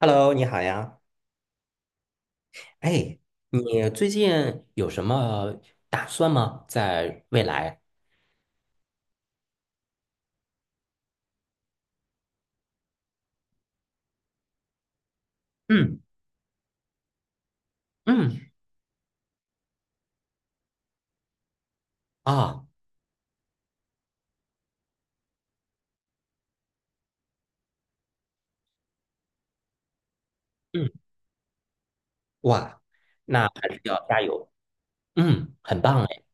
Hello，你好呀。哎，你最近有什么打算吗？在未来？嗯嗯啊嗯哇，那还是要加油。嗯，很棒哎。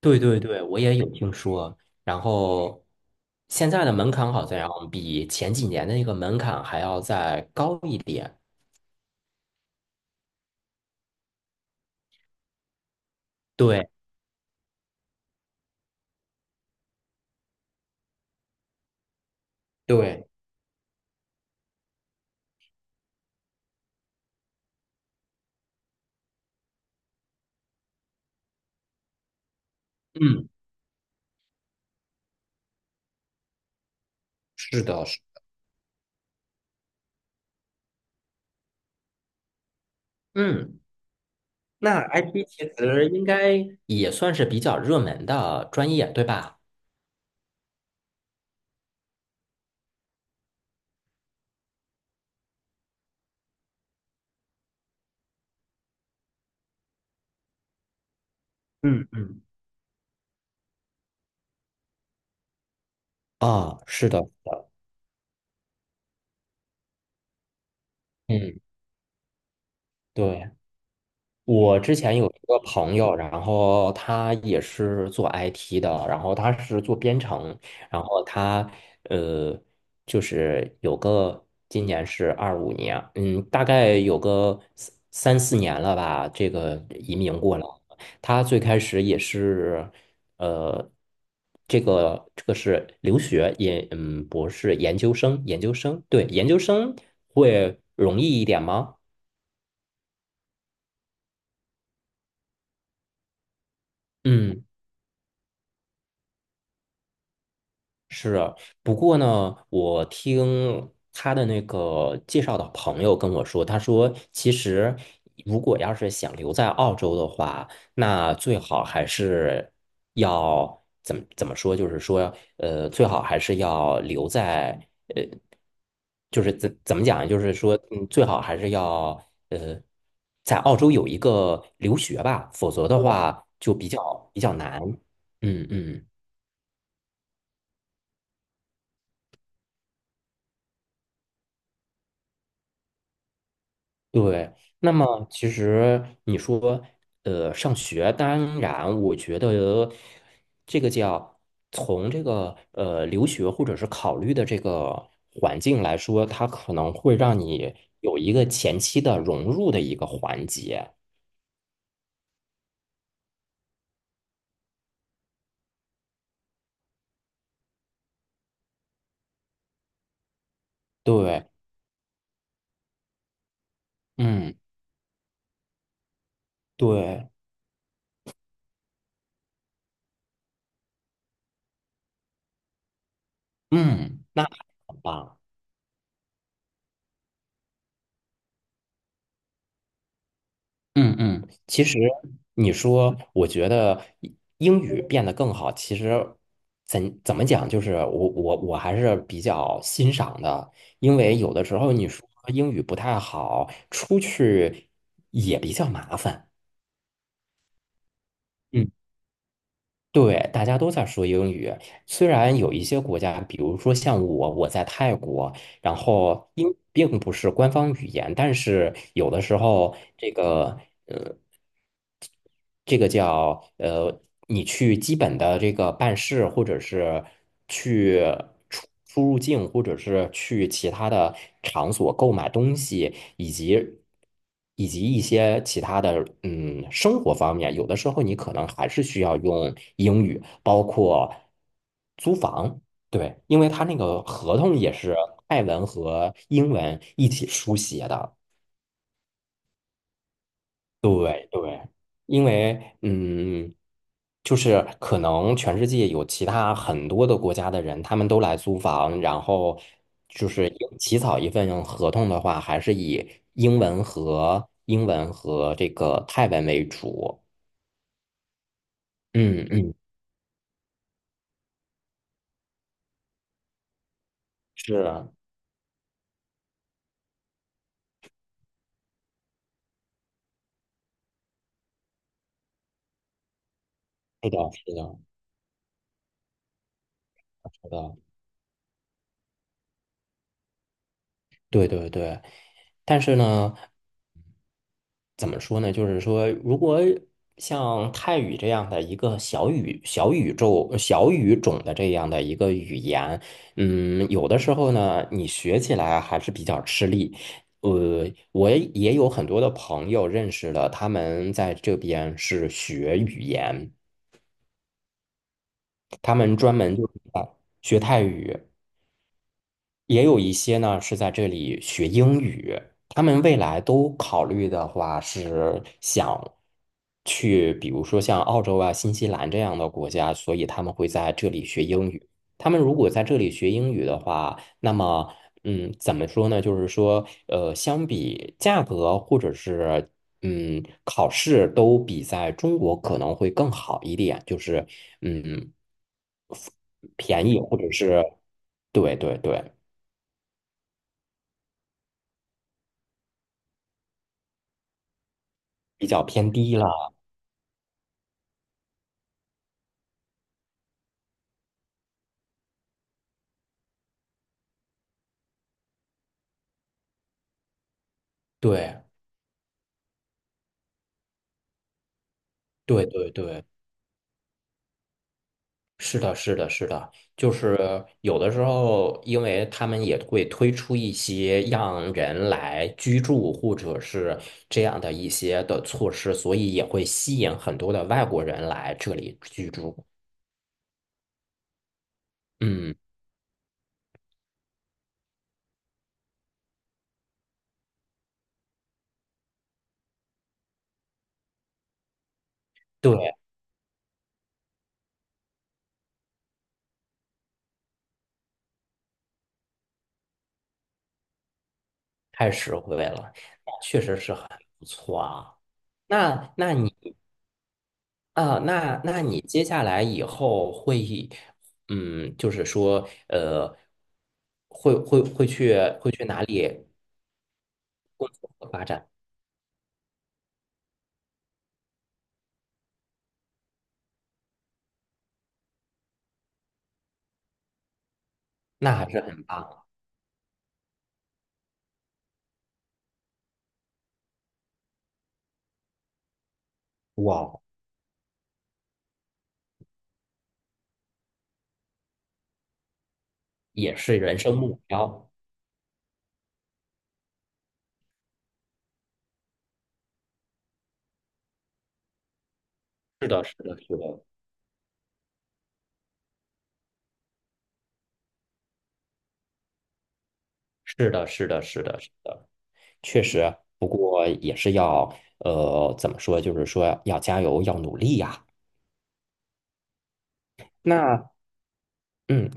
对对对，我也有听说。然后现在的门槛好像比前几年的那个门槛还要再高一点。对对，嗯，是的，是嗯。那 i p 其实应该也算是比较热门的专业，对吧？嗯嗯。啊，是的，嗯，对，我之前有一个朋友，然后他也是做 IT 的，然后他是做编程，然后他呃，就是有个今年是二五年，嗯，大概有个三三四年了吧，这个移民过来。他最开始也是呃，这个是留学研，嗯，博士研究生，研究生，对，研究生会容易一点吗？嗯，是啊。不过呢，我听他的那个介绍的朋友跟我说，他说其实如果要是想留在澳洲的话，那最好还是要怎么怎么说，最好还是要留在呃，就是怎怎么讲，最好还是要呃，在澳洲有一个留学吧，否则的话就比较难。嗯嗯。对，那么其实你说，上学，当然，我觉得这个叫从这个留学或者是考虑的这个环境来说，它可能会让你有一个前期的融入的一个环节。对，嗯，对，嗯，那很棒。嗯嗯，其实你说，我觉得英语变得更好，其实怎怎么讲，就是我还是比较欣赏的，因为有的时候你说英语不太好，出去也比较麻烦。嗯，对，大家都在说英语，虽然有一些国家，比如说像我，我在泰国，然后英语并不是官方语言，但是有的时候这个。这个叫你去基本的这个办事，或者是去出入境，或者是去其他的场所购买东西，以及一些其他的生活方面，有的时候你可能还是需要用英语，包括租房，对，因为他那个合同也是泰文和英文一起书写的。对对，因为嗯，就是可能全世界有其他很多的国家的人，他们都来租房，然后就是有起草一份合同的话，还是以英文和这个泰文为主。嗯嗯，是，是的，是的，是的，对对对。但是呢，怎么说呢？就是说，如果像泰语这样的一个小宇宙、小语种的这样的一个语言，嗯，有的时候呢，你学起来还是比较吃力。呃，我也有很多的朋友认识了，他们在这边是学语言，他们专门就是在学泰语。也有一些呢是在这里学英语，他们未来都考虑的话是想去，比如说像澳洲啊、新西兰这样的国家，所以他们会在这里学英语。他们如果在这里学英语的话，那么嗯，怎么说呢？相比价格或者是考试都比在中国可能会更好一点，嗯便宜或者是对对对，比较偏低了。对对对对，是的，是的，是的，就是有的时候，因为他们也会推出一些让人来居住或者是这样的一些的措施，所以也会吸引很多的外国人来这里居住。嗯，对，太实惠了，那确实是很不错啊。那那你那那你接下来以后会，嗯，就是说，呃，会去会去哪里发展？那还是很棒，哇，也是人生目标。是的，是的，是的，是的，是的，是的，是的。不过也是要，怎么说？就是说要加油，要努力呀。那，嗯，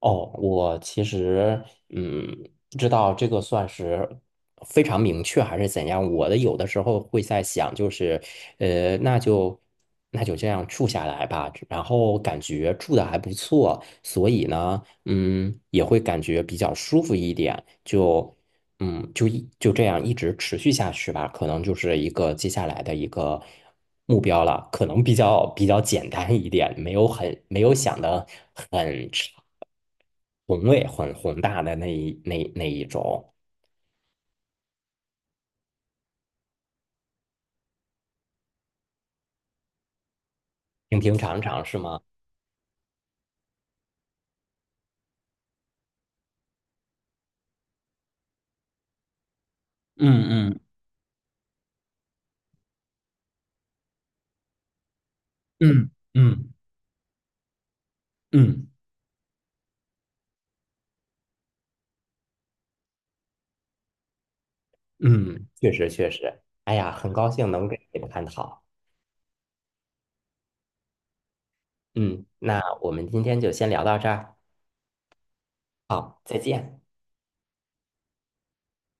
哦，我其实嗯，不知道这个算是非常明确还是怎样。我的有的时候会在想，就是呃，那就那就这样住下来吧。然后感觉住的还不错，所以呢，嗯，也会感觉比较舒服一点。就这样一直持续下去吧，可能就是一个接下来的一个目标了，可能比较简单一点，没有想的很长。宏伟、很宏大的那一种，平平常常是吗？嗯嗯嗯嗯嗯嗯，确实确实。哎呀，很高兴能给你探讨。嗯，那我们今天就先聊到这儿。好，再见。